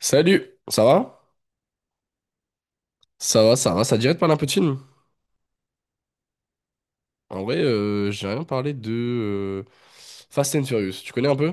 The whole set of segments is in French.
Salut, ça va? Ça va, ça va, ça te dirait de parler un peu de film? En vrai, j'ai rien parlé de Fast and Furious. Tu connais un peu?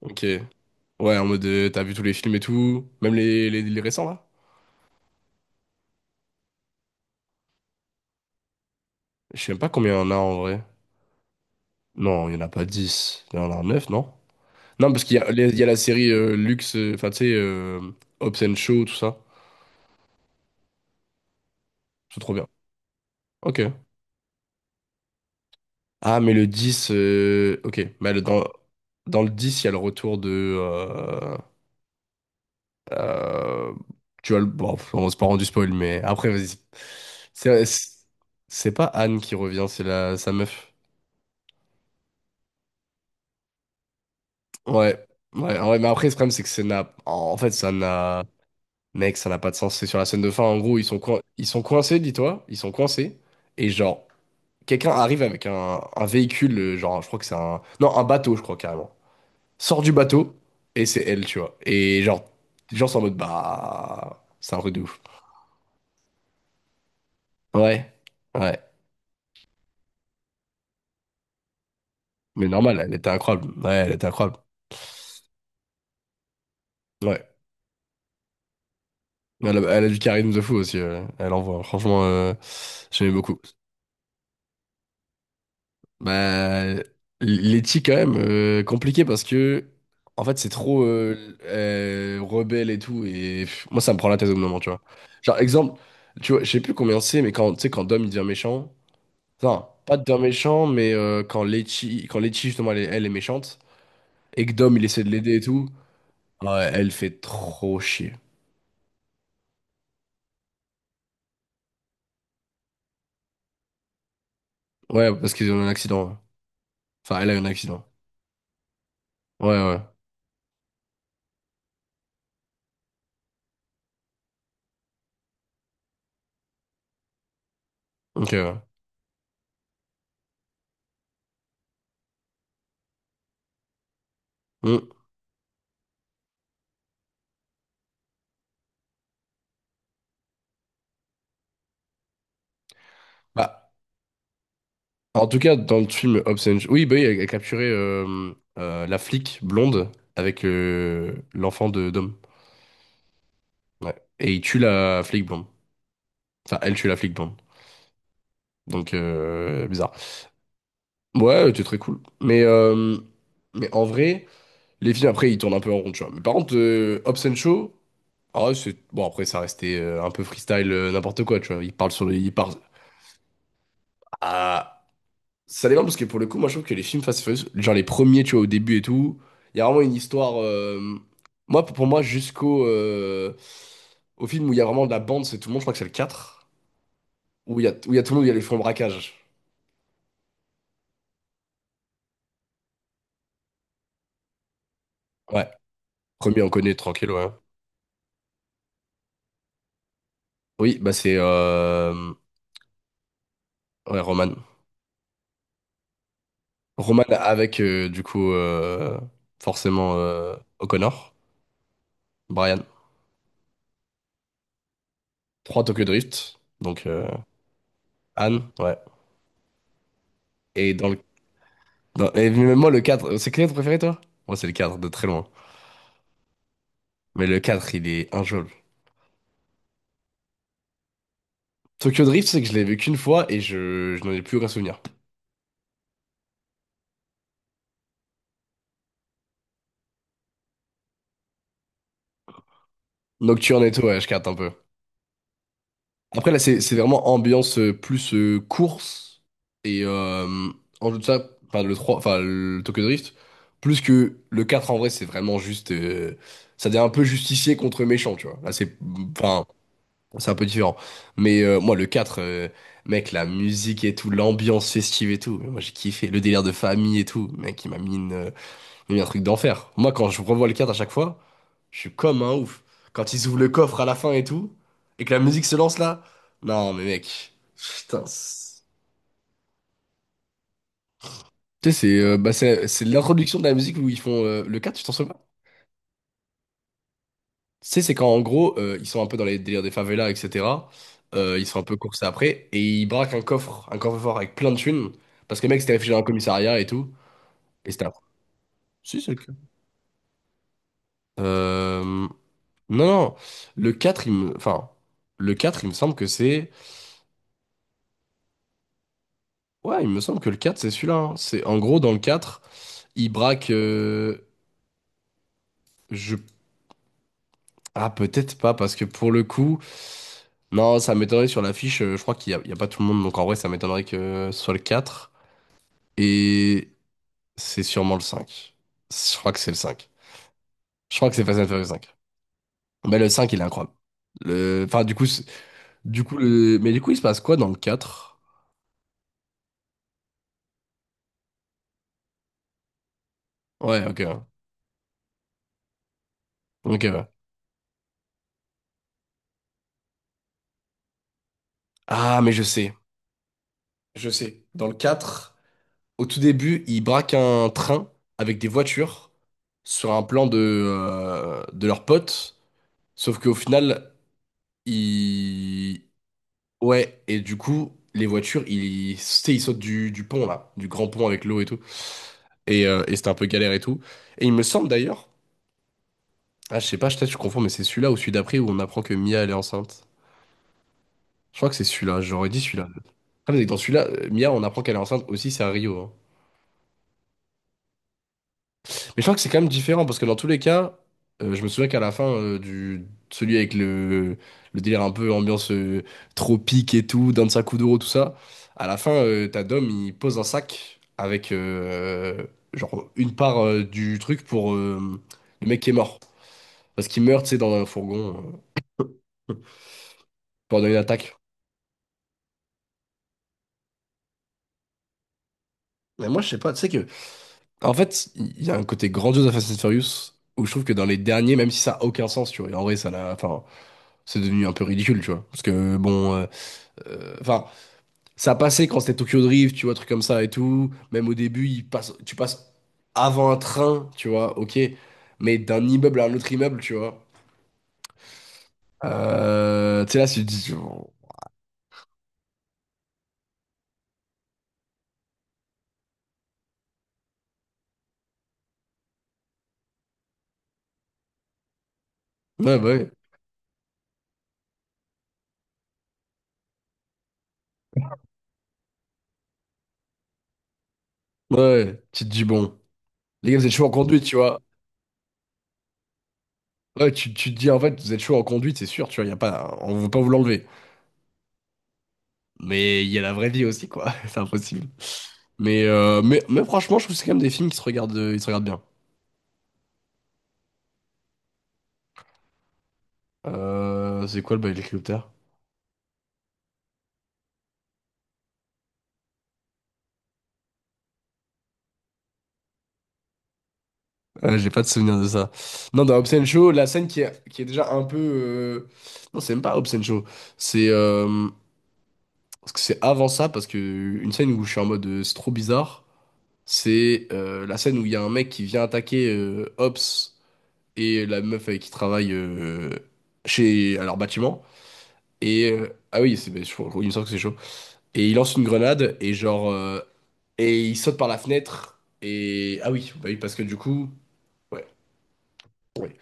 Ok. Ouais, en mode t'as vu tous les films et tout, même les récents là? Je sais même pas combien il y en a en vrai. Non, il y en a pas 10. Il y en a 9, non? Non, parce qu'il y a la série Luxe, enfin tu sais, Hobbs and Shaw, tout ça. C'est trop bien. Ok. Ah, mais le 10, ok. Dans le 10 il y a le retour de. euh, Euh, Tu vois, bon, on s'est pas rendu spoil, mais après, vas-y. C'est c'est pas Anne qui revient, c'est la sa meuf. Ouais, ouais, ouais, mais après, le problème, c'est que ça n'a. En fait, ça n'a. Mec, ça n'a pas de sens. C'est sur la scène de fin. En gros, ils sont coincés, dis-toi. Ils sont coincés. Et genre, quelqu'un arrive avec un véhicule, genre, je crois que c'est un. Non, un bateau, je crois carrément. Sort du bateau, et c'est elle, tu vois. Et genre, les gens sont en mode, bah. C'est un truc de ouf. Ouais, ouais. Mais normal, elle était incroyable. Ouais, elle était incroyable. Ouais. Elle a du charisme de fou aussi. Elle envoie. Franchement, j'aimais beaucoup. Bah, Letty, quand même, compliqué parce que, en fait, c'est trop rebelle et tout. Et pff, moi, ça me prend la tête au bout d'un moment, tu vois. Genre, exemple, tu vois, je sais plus combien c'est, mais quand, tu sais, quand Dom, il devient méchant. Non pas de Dom méchant, mais quand Letty, justement, elle est méchante. Et que Dom, il essaie de l'aider et tout. Ouais, elle fait trop chier. Ouais, parce qu'ils ont eu un accident. Enfin, elle a eu un accident. Ouais, ouais. Ok, ouais. Hmm. Bah, en tout cas, dans le film Hobbs and Shaw, oui, bah oui, elle a capturé la flic blonde avec l'enfant de Dom. Ouais. Et il tue la flic blonde. Enfin, elle tue la flic blonde. Donc, bizarre. Ouais, c'était très cool. Mais en vrai, les films, après, ils tournent un peu en rond, tu vois. Mais par contre, Hobbs and Shaw, ah ouais, c'est. Bon, après, ça restait un peu freestyle, n'importe quoi, tu vois. Il parle sur les. Il parle. Ça dépend parce que pour le coup, moi je trouve que les films Fast and Furious, genre les premiers, tu vois, au début et tout, il y a vraiment une histoire. Moi, pour moi, jusqu'au au film où il y a vraiment de la bande, c'est tout le monde, je crois que c'est le quatre où il y a tout le monde, où il y a les fonds de braquage. Ouais, premier, on connaît, tranquille, ouais. Oui, bah c'est ouais, Roman. Roman avec, du coup, forcément O'Connor, Brian. 3 Tokyo Drift, donc Anne, ouais. Et dans le. Et même moi, le 4. C'est quel est ton préféré, toi? Moi, c'est le 4 de très loin. Mais le 4 il est injouable. Tokyo Drift, c'est que je l'ai vu qu'une fois et je n'en ai plus aucun souvenir. Nocturne et tout, ouais, je carte un peu. Après, là, c'est vraiment ambiance plus course et en jeu de ça, enfin, le 3 enfin, le Tokyo Drift, plus que le 4 en vrai, c'est vraiment juste. Ça devient un peu justicier contre méchant, tu vois. Là, c'est. Enfin, c'est un peu différent. Mais moi, le 4 mec, la musique et tout, l'ambiance festive et tout, moi, j'ai kiffé. Le délire de famille et tout, mec, il m'a mis une. Mais un truc d'enfer. Moi, quand je revois le 4 à chaque fois, je suis comme un ouf. Quand ils ouvrent le coffre à la fin et tout, et que la musique se lance là, non, mais mec, putain. C'est. Tu sais, c'est bah, c'est l'introduction de la musique où ils font le quatre, tu t'en souviens pas? Tu sais, c'est quand en gros, ils sont un peu dans les délires des favelas, etc. Ils sont un peu coursés après, et ils braquent un coffre, un coffre-fort avec plein de thunes, parce que le mec s'était réfugié dans un commissariat et tout, et c'était un. Euh... Non, non, le 4 il me. Enfin, le 4 il me semble que c'est. Ouais, il me semble que le 4 c'est celui-là. Hein. C'est en gros dans le 4, il braque je ah peut-être pas parce que pour le coup non, ça m'étonnerait sur l'affiche, je crois qu'il y a pas tout le monde donc en vrai ça m'étonnerait que ce soit le 4 et c'est sûrement le 5. Je crois que c'est le 5. Je crois que c'est Fast and Furious cinq. Mais le cinq il est incroyable. Le enfin du coup c'est- Du coup il se passe quoi dans le quatre? Ouais, OK. OK, ouais. Ah, mais je sais. Je sais. Dans le 4. Au tout début, ils braquent un train avec des voitures sur un plan de leurs potes. Sauf qu'au final, ils. Ouais, et du coup, les voitures, ils, tu sais, ils sautent du pont, là, du grand pont avec l'eau et tout. Et c'était un peu galère et tout. Et il me semble d'ailleurs, ah, je sais pas, peut-être je suis confonds, mais c'est celui-là ou celui d'après où on apprend que Mia, elle est enceinte. Je crois que c'est celui-là, j'aurais dit celui-là. Ah, mais dans celui-là, Mia, on apprend qu'elle est enceinte aussi, c'est à Rio, hein. Mais je crois que c'est quand même différent parce que dans tous les cas, je me souviens qu'à la fin du celui avec le délire un peu ambiance tropique et tout, Dansa Kuduro, tout ça, à la fin, t'as Dom, il pose un sac avec genre une part du truc pour le mec qui est mort. Parce qu'il meurt, tu sais, dans un fourgon euh, pendant une attaque. Mais moi, je sais pas, tu sais que. En fait, il y a un côté grandiose à Fast and Furious où je trouve que dans les derniers, même si ça a aucun sens, tu vois, et en vrai, ça l'a. Enfin, c'est devenu un peu ridicule, tu vois. Parce que bon. Enfin, ça passait quand c'était Tokyo Drift, tu vois, trucs comme ça et tout. Même au début, il passe, tu passes avant un train, tu vois, ok. Mais d'un immeuble à un autre immeuble, tu vois. Tu sais, là, tu te dis. Oh, ouais, bah ouais. Ouais, ouais. Tu te dis, bon. Les gars, vous êtes chaud en conduite, tu vois. Ouais, tu te dis, en fait, vous êtes chaud en conduite, c'est sûr, tu vois, y a pas, on veut pas vous l'enlever. Mais il y a la vraie vie aussi, quoi. C'est impossible. Mais franchement, je trouve que c'est quand même des films qui se regardent, ils se regardent bien. C'est quoi le Helicopter? Ouais, j'ai pas de souvenir de ça. Non, dans Hobbs and Shaw, la scène qui est déjà un peu. Non, c'est même pas Hobbs and Shaw. C'est. Parce que c'est avant ça, parce que une scène où je suis en mode c'est trop bizarre, c'est la scène où il y a un mec qui vient attaquer Hobbs et la meuf avec qui il travaille à leur bâtiment. Et. Ah oui, c'est. Ben, il me semble que c'est chaud. Et il lance une grenade et genre. Et il saute par la fenêtre. Et. Ah oui, bah oui, parce que du coup, ouais. Ouais.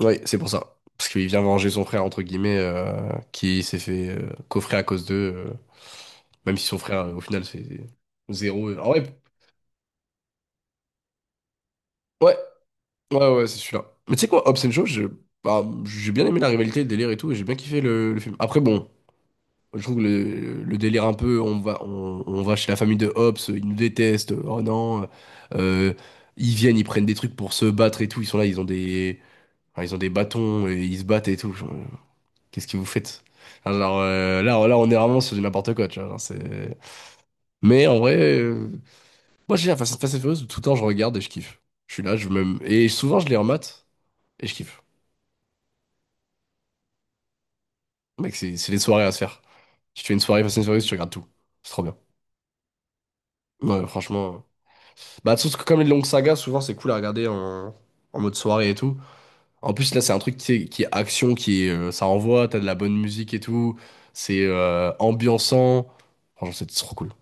Oui, c'est pour ça. Parce qu'il vient venger son frère, entre guillemets, qui s'est fait coffrer à cause d'eux. Même si son frère, au final, c'est zéro. Ah ouais, ouais, ouais, ouais, c'est celui-là. Mais tu sais quoi, Hobbs and Shaw, bah, j'ai bien aimé la rivalité, le délire et tout, et j'ai bien kiffé le film. Après, bon, je trouve que le délire un peu, on va chez la famille de Hobbs, ils nous détestent, oh non. euh, Ils viennent, ils prennent des trucs pour se battre et tout, ils sont là, ils ont des, enfin, ils ont des bâtons et ils se battent et tout. Qu'est-ce que vous faites? Alors là, là, on est vraiment sur du n'importe quoi, tu vois. Genre, c'est. Mais en vrai, moi j'ai la Fast and Furious, tout le temps je regarde et je kiffe. Je suis là, je me. Et souvent je les remate et je kiffe. Mec, c'est les soirées à se faire. Si tu fais une soirée Fast and Furious, tu regardes tout. C'est trop bien. Ouais, franchement. Bah, surtout que comme les longues sagas, souvent c'est cool à regarder en mode soirée et tout. En plus, là, c'est un truc qui est action, qui est, ça envoie, t'as de la bonne musique et tout. C'est ambiançant. Franchement, c'est trop cool.